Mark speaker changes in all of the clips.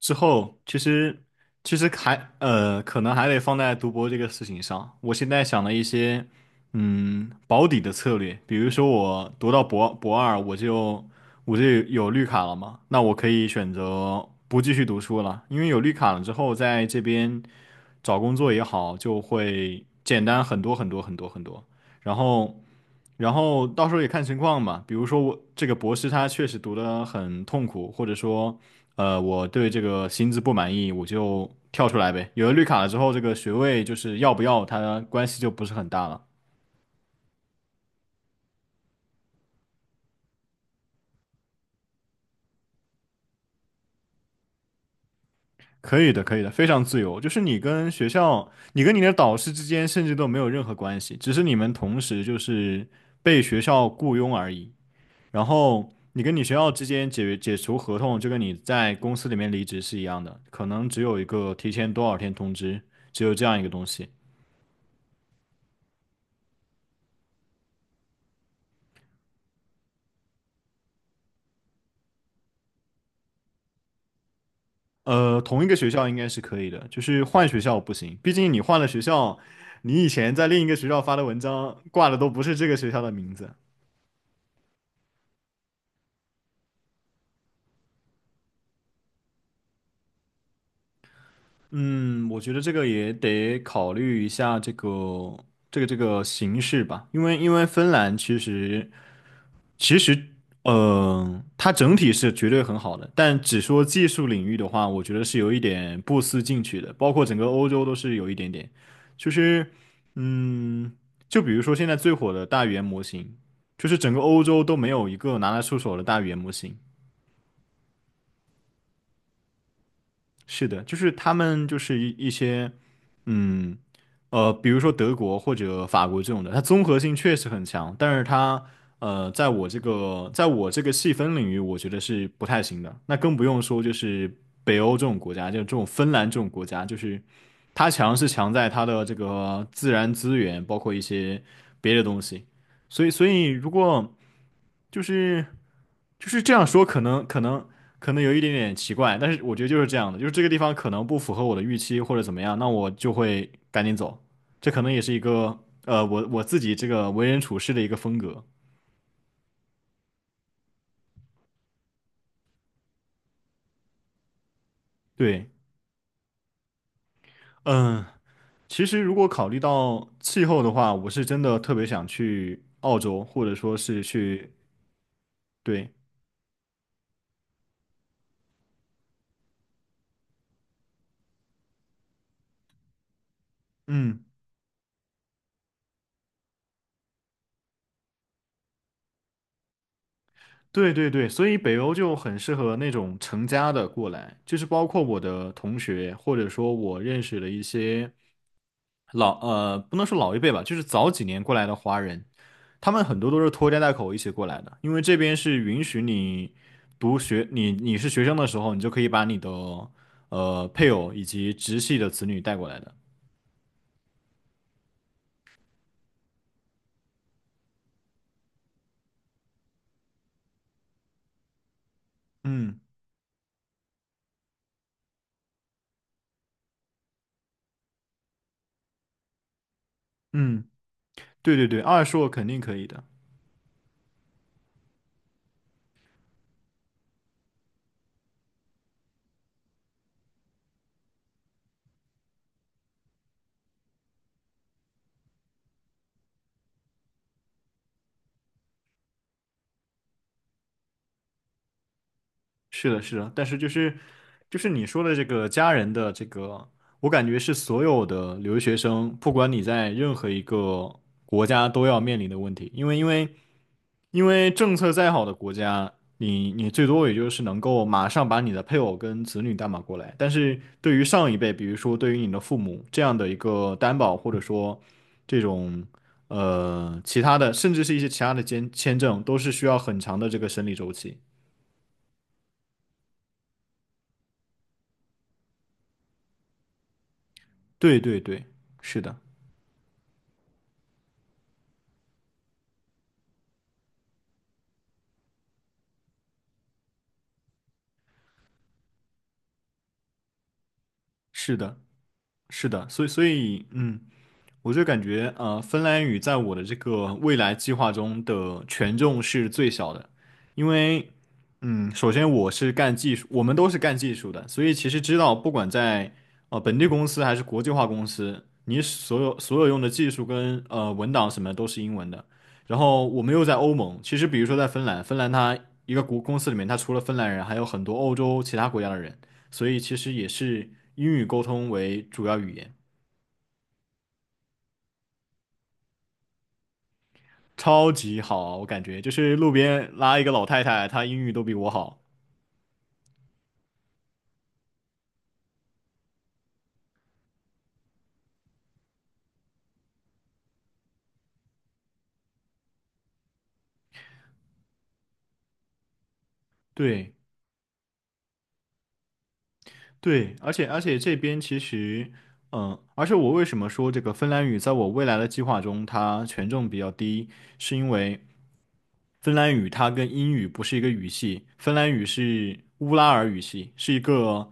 Speaker 1: 之后，其实还可能还得放在读博这个事情上。我现在想了一些保底的策略，比如说我读到博二，我就有绿卡了嘛，那我可以选择不继续读书了，因为有绿卡了之后，在这边找工作也好，就会简单很多很多很多。然后然后到时候也看情况吧。比如说我这个博士他确实读得很痛苦，或者说，我对这个薪资不满意，我就跳出来呗。有了绿卡了之后，这个学位就是要不要，它关系就不是很大了。可以的，可以的，非常自由。就是你跟学校，你跟你的导师之间甚至都没有任何关系，只是你们同时就是被学校雇佣而已。然后你跟你学校之间解除合同，就跟你在公司里面离职是一样的，可能只有一个提前多少天通知，只有这样一个东西。同一个学校应该是可以的，就是换学校不行，毕竟你换了学校，你以前在另一个学校发的文章挂的都不是这个学校的名字。嗯，我觉得这个也得考虑一下这个这个形式吧，因为芬兰其实，它整体是绝对很好的，但只说技术领域的话，我觉得是有一点不思进取的，包括整个欧洲都是有一点点，就是，嗯，就比如说现在最火的大语言模型，就是整个欧洲都没有一个拿得出手的大语言模型。是的，就是他们就是一些，嗯，比如说德国或者法国这种的，它综合性确实很强，但是它，在我这个细分领域，我觉得是不太行的。那更不用说就是北欧这种国家，就这种芬兰这种国家，就是它强是强在它的这个自然资源，包括一些别的东西。所以，所以如果就是这样说，可能有一点点奇怪，但是我觉得就是这样的，就是这个地方可能不符合我的预期或者怎么样，那我就会赶紧走。这可能也是一个我自己这个为人处事的一个风格。对，嗯，其实如果考虑到气候的话，我是真的特别想去澳洲，或者说是去，对，嗯。对对对，所以北欧就很适合那种成家的过来，就是包括我的同学，或者说我认识的一些不能说老一辈吧，就是早几年过来的华人，他们很多都是拖家带口一起过来的，因为这边是允许你读学，你是学生的时候，你就可以把你的配偶以及直系的子女带过来的。嗯嗯，对对对，二硕肯定可以的。是的，是的，但是就是就是你说的这个家人的这个，我感觉是所有的留学生，不管你在任何一个国家都要面临的问题，因为政策再好的国家，你最多也就是能够马上把你的配偶跟子女担保过来，但是对于上一辈，比如说对于你的父母这样的一个担保，或者说这种其他的，甚至是一些其他的签证，都是需要很长的这个审理周期。对对对，是的。是的，是的，所以嗯，我就感觉，芬兰语在我的这个未来计划中的权重是最小的，因为，嗯，首先我是干技术，我们都是干技术的，所以其实知道，不管在本地公司还是国际化公司，你所有用的技术跟文档什么都是英文的。然后我们又在欧盟，其实比如说在芬兰，芬兰它一个国公司里面，它除了芬兰人，还有很多欧洲其他国家的人，所以其实也是英语沟通为主要语言。超级好，我感觉就是路边拉一个老太太，她英语都比我好。对对，而且这边其实，嗯，而且我为什么说这个芬兰语在我未来的计划中它权重比较低，是因为芬兰语它跟英语不是一个语系，芬兰语是乌拉尔语系，是一个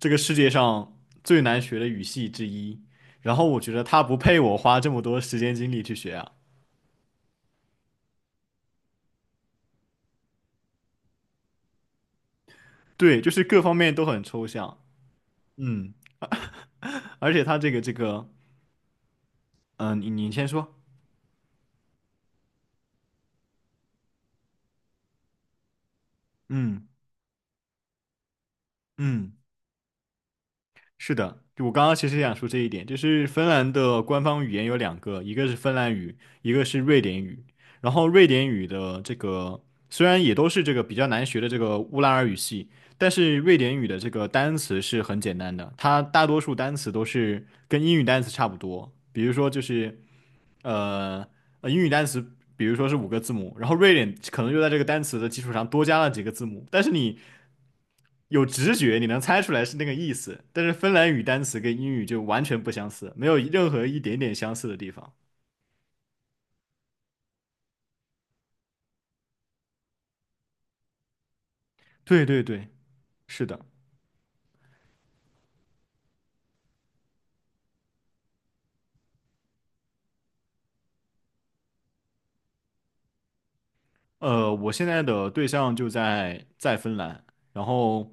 Speaker 1: 这个世界上最难学的语系之一。然后我觉得它不配我花这么多时间精力去学啊。对，就是各方面都很抽象。嗯。而且他这个，你先说，嗯嗯，是的，就我刚刚其实也想说这一点，就是芬兰的官方语言有两个，一个是芬兰语，一个是瑞典语。然后瑞典语的这个虽然也都是这个比较难学的这个乌拉尔语系，但是瑞典语的这个单词是很简单的，它大多数单词都是跟英语单词差不多，比如说就是呃英语单词。比如说是五个字母，然后瑞典可能就在这个单词的基础上多加了几个字母，但是你有直觉，你能猜出来是那个意思，但是芬兰语单词跟英语就完全不相似，没有任何一点点相似的地方。对对对，是的。我现在的对象就在芬兰，然后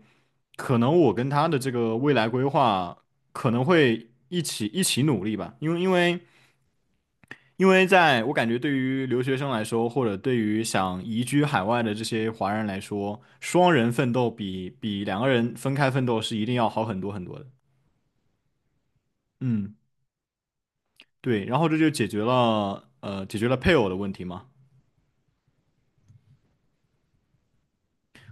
Speaker 1: 可能我跟他的这个未来规划可能会一起努力吧，因为在我感觉对于留学生来说，或者对于想移居海外的这些华人来说，双人奋斗比两个人分开奋斗是一定要好很多很多的。嗯。对，然后这就解决了解决了配偶的问题嘛。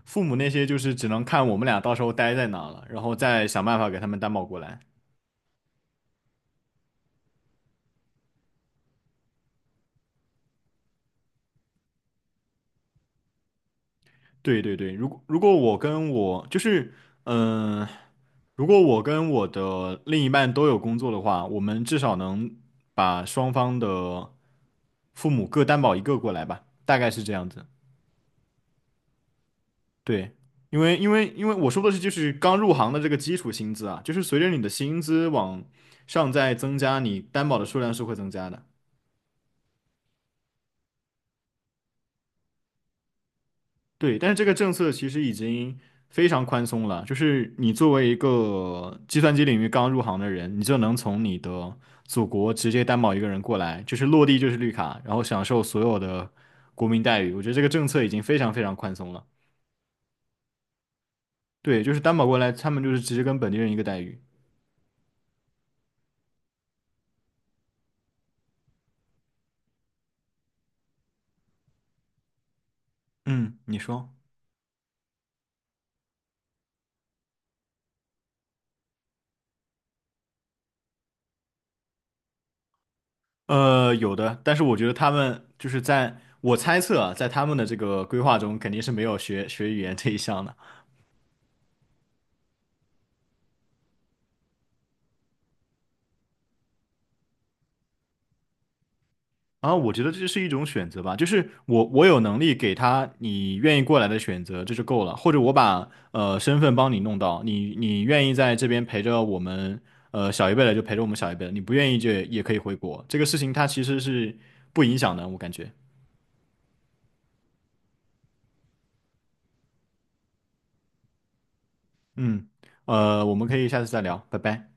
Speaker 1: 父母那些就是只能看我们俩到时候待在哪了，然后再想办法给他们担保过来。对对对，如果我跟我就是嗯、呃如果我跟我的另一半都有工作的话，我们至少能把双方的父母各担保一个过来吧，大概是这样子。对，因为我说的是就是刚入行的这个基础薪资啊，就是随着你的薪资往上在增加，你担保的数量是会增加的。对，但是这个政策其实已经非常宽松了，就是你作为一个计算机领域刚入行的人，你就能从你的祖国直接担保一个人过来，就是落地就是绿卡，然后享受所有的国民待遇。我觉得这个政策已经非常非常宽松了。对，就是担保过来，他们就是直接跟本地人一个待遇。嗯，你说。有的，但是我觉得他们就是在我猜测啊，在他们的这个规划中，肯定是没有学语言这一项的。然后我觉得这是一种选择吧，就是我有能力给他你愿意过来的选择，这就够了。或者我把身份帮你弄到，你愿意在这边陪着我们小一辈的就陪着我们小一辈的，你不愿意就也可以回国。这个事情它其实是不影响的，我感觉。嗯，我们可以下次再聊，拜拜。